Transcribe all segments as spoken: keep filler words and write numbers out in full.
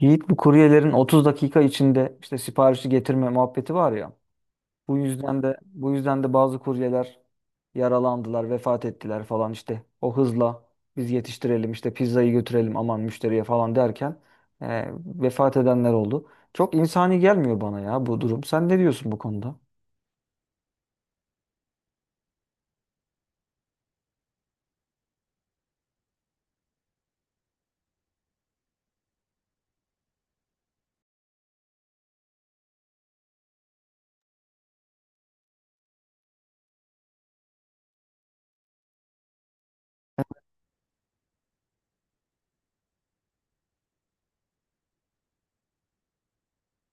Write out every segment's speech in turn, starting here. Yiğit, bu kuryelerin otuz dakika içinde işte siparişi getirme muhabbeti var ya. Bu yüzden de bu yüzden de bazı kuryeler yaralandılar, vefat ettiler falan işte. O hızla biz yetiştirelim işte pizzayı götürelim aman müşteriye falan derken e, vefat edenler oldu. Çok insani gelmiyor bana ya bu durum. Sen ne diyorsun bu konuda?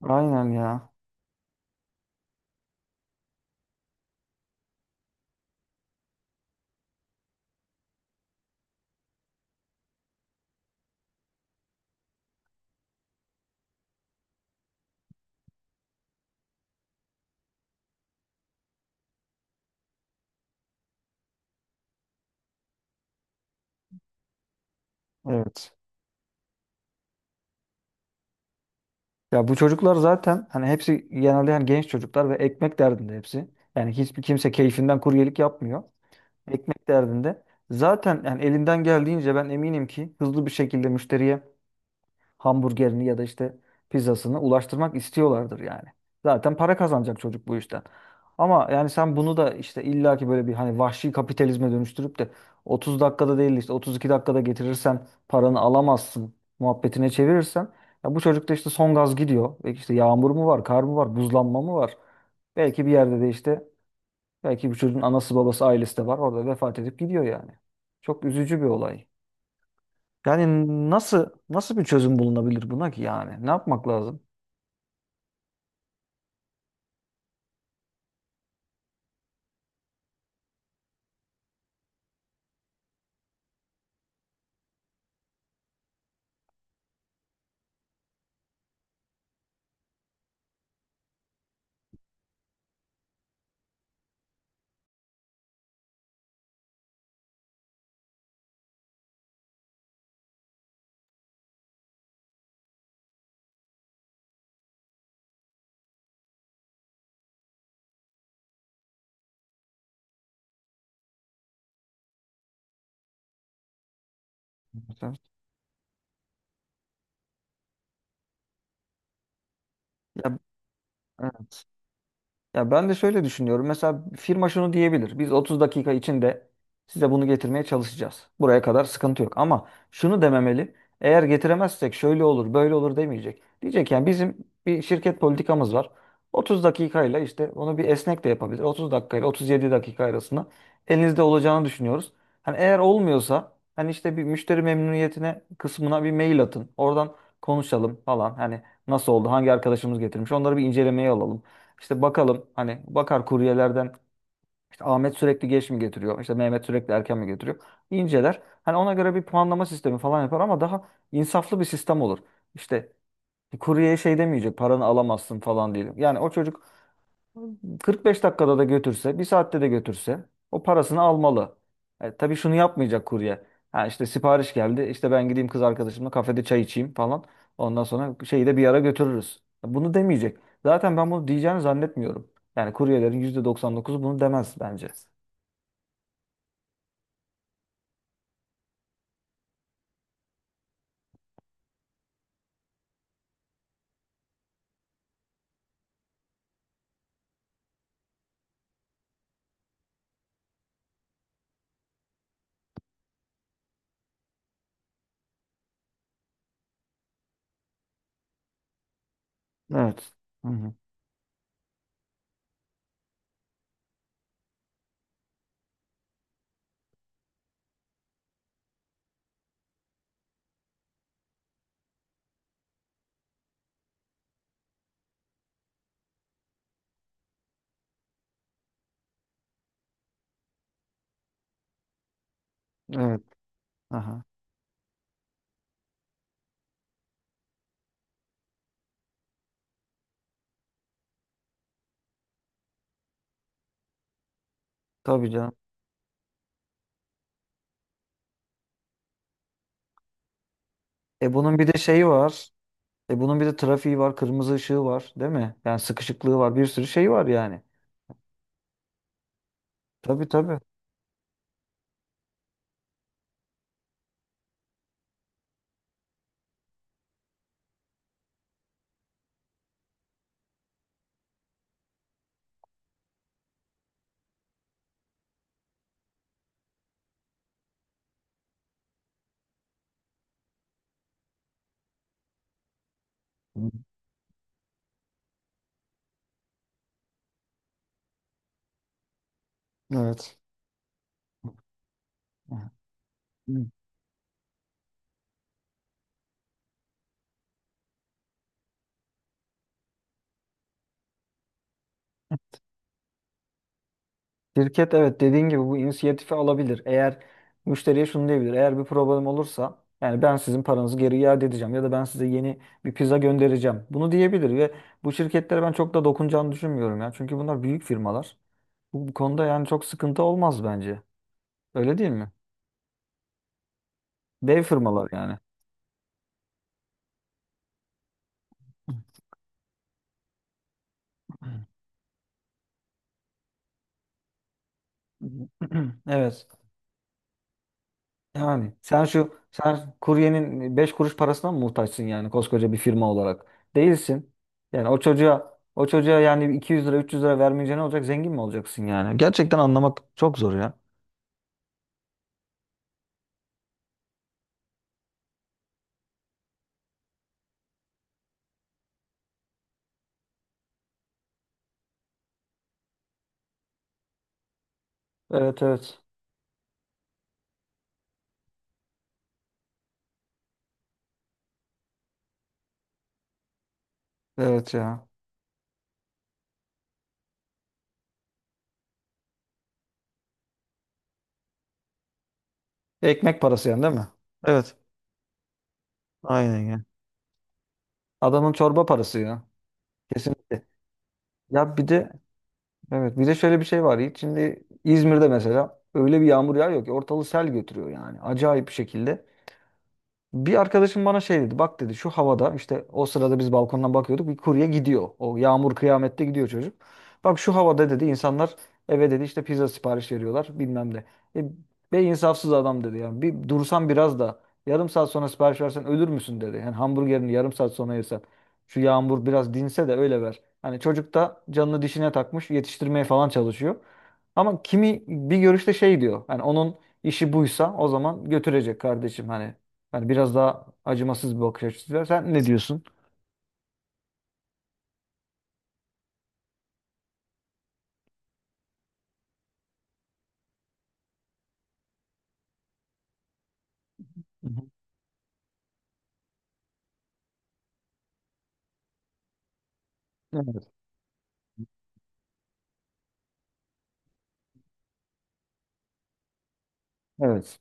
Aynen ya. Evet. Ya bu çocuklar zaten hani hepsi genelde yani genç çocuklar ve ekmek derdinde hepsi. Yani hiçbir kimse keyfinden kuryelik yapmıyor. Ekmek derdinde. Zaten yani elinden geldiğince ben eminim ki hızlı bir şekilde müşteriye hamburgerini ya da işte pizzasını ulaştırmak istiyorlardır yani. Zaten para kazanacak çocuk bu işten. Ama yani sen bunu da işte illaki böyle bir hani vahşi kapitalizme dönüştürüp de otuz dakikada değil de işte otuz iki dakikada getirirsen paranı alamazsın muhabbetine çevirirsen ya bu çocuk da işte son gaz gidiyor. Belki işte yağmur mu var, kar mı var, buzlanma mı var? Belki bir yerde de işte belki bu çocuğun anası babası ailesi de var. Orada vefat edip gidiyor yani. Çok üzücü bir olay. Yani nasıl nasıl bir çözüm bulunabilir buna ki yani? Ne yapmak lazım? Ya, Ya ben de şöyle düşünüyorum. Mesela firma şunu diyebilir. Biz otuz dakika içinde size bunu getirmeye çalışacağız. Buraya kadar sıkıntı yok. Ama şunu dememeli. Eğer getiremezsek şöyle olur, böyle olur demeyecek. Diyecek yani bizim bir şirket politikamız var. otuz dakikayla işte onu bir esnek de yapabilir. otuz dakikayla otuz yedi dakika arasında elinizde olacağını düşünüyoruz. Hani eğer olmuyorsa hani işte bir müşteri memnuniyetine kısmına bir mail atın. Oradan konuşalım falan. Hani nasıl oldu? Hangi arkadaşımız getirmiş? Onları bir incelemeye alalım. İşte bakalım hani bakar kuryelerden işte Ahmet sürekli geç mi getiriyor? İşte Mehmet sürekli erken mi getiriyor? İnceler. Hani ona göre bir puanlama sistemi falan yapar ama daha insaflı bir sistem olur. İşte kuryeye şey demeyecek paranı alamazsın falan diye. Yani o çocuk kırk beş dakikada da götürse, bir saatte de götürse o parasını almalı. E, tabii şunu yapmayacak kurye. Ha işte sipariş geldi. İşte ben gideyim kız arkadaşımla kafede çay içeyim falan. Ondan sonra şeyi de bir ara götürürüz. E, Bunu demeyecek. Zaten ben bunu diyeceğini zannetmiyorum. Yani kuryelerin yüzde doksan dokuzu bunu demez bence. Evet. Hı hı. Evet. Aha. Tabii canım. E bunun bir de şeyi var. E bunun bir de trafiği var, kırmızı ışığı var, değil mi? Yani sıkışıklığı var, bir sürü şey var yani. Tabii tabii. Hı. Evet. Şirket evet dediğin gibi bu inisiyatifi alabilir. Eğer müşteriye şunu diyebilir. Eğer bir problem olursa yani ben sizin paranızı geri iade edeceğim ya da ben size yeni bir pizza göndereceğim. Bunu diyebilir ve bu şirketlere ben çok da dokunacağını düşünmüyorum ya. Çünkü bunlar büyük firmalar. Bu, bu konuda yani çok sıkıntı olmaz bence. Öyle değil mi? Dev firmalar yani. Evet. Yani sen şu sen kuryenin beş kuruş parasına mı muhtaçsın yani koskoca bir firma olarak? Değilsin. Yani o çocuğa o çocuğa yani iki yüz lira üç yüz lira vermeyince ne olacak? Zengin mi olacaksın yani? Gerçekten anlamak çok zor ya. Evet evet. Evet ya. Ekmek parası yani değil mi? Evet. Aynen ya. Adamın çorba parası ya. Kesinlikle. Ya bir de evet bir de şöyle bir şey var. Yiğit. Şimdi İzmir'de mesela öyle bir yağmur yağıyor ki ortalığı sel götürüyor yani. Acayip bir şekilde. Bir arkadaşım bana şey dedi. Bak dedi şu havada işte o sırada biz balkondan bakıyorduk. Bir kurye gidiyor. O yağmur kıyamette gidiyor çocuk. Bak şu havada dedi insanlar eve dedi işte pizza sipariş veriyorlar bilmem ne. E, Be insafsız adam dedi yani. Bir dursan biraz da yarım saat sonra sipariş versen ölür müsün dedi. Yani hamburgerini yarım saat sonra yersen. Şu yağmur biraz dinse de öyle ver. Hani çocuk da canını dişine takmış yetiştirmeye falan çalışıyor. Ama kimi bir görüşte şey diyor. Hani onun işi buysa o zaman götürecek kardeşim hani. Yani biraz daha acımasız bir bakış açısı var. Sen ne diyorsun? Hı hı. Evet. Evet.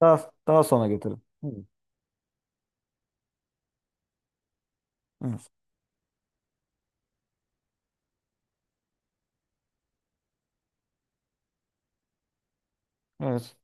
Daha, daha sonra getirin. Hı. Evet. Evet.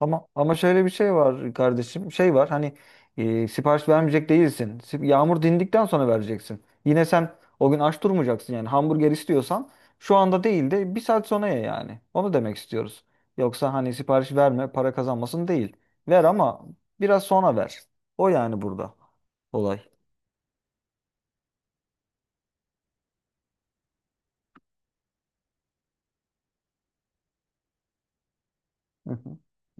Ama, ama şöyle bir şey var kardeşim. Şey var hani e, sipariş vermeyecek değilsin. Sip- Yağmur dindikten sonra vereceksin. Yine sen o gün aç durmayacaksın yani. Hamburger istiyorsan şu anda değil de bir saat sonra ye yani. Onu demek istiyoruz. Yoksa hani sipariş verme para kazanmasın değil. Ver ama biraz sonra ver. O yani burada olay. Hı hı.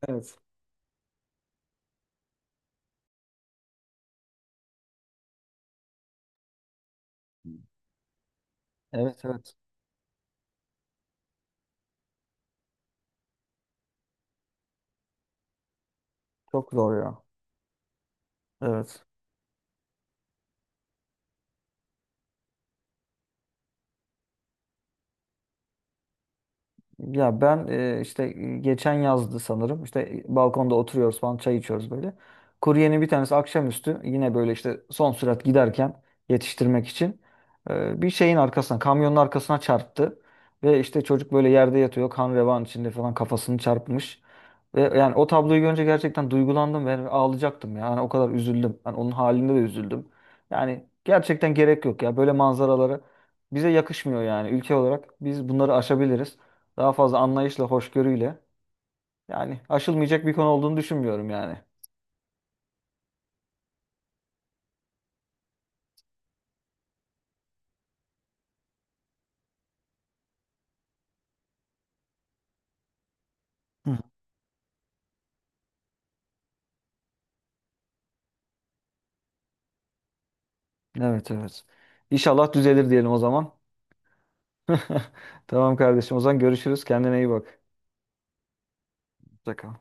Evet. Evet evet. Çok zor ya. Evet. Ya ben e, işte geçen yazdı sanırım. İşte balkonda oturuyoruz falan çay içiyoruz böyle. Kuryenin bir tanesi akşamüstü yine böyle işte son sürat giderken yetiştirmek için e, bir şeyin arkasına kamyonun arkasına çarptı. Ve işte çocuk böyle yerde yatıyor kan revan içinde falan kafasını çarpmış. Ve yani o tabloyu görünce gerçekten duygulandım ve ağlayacaktım ya. Yani o kadar üzüldüm. Yani onun halinde de üzüldüm. Yani gerçekten gerek yok ya. Böyle manzaralara bize yakışmıyor yani. Ülke olarak biz bunları aşabiliriz. Daha fazla anlayışla, hoşgörüyle. Yani aşılmayacak bir konu olduğunu düşünmüyorum yani. Hı. Evet evet. İnşallah düzelir diyelim o zaman. Tamam kardeşim. O zaman görüşürüz. Kendine iyi bak. Hoşça kal.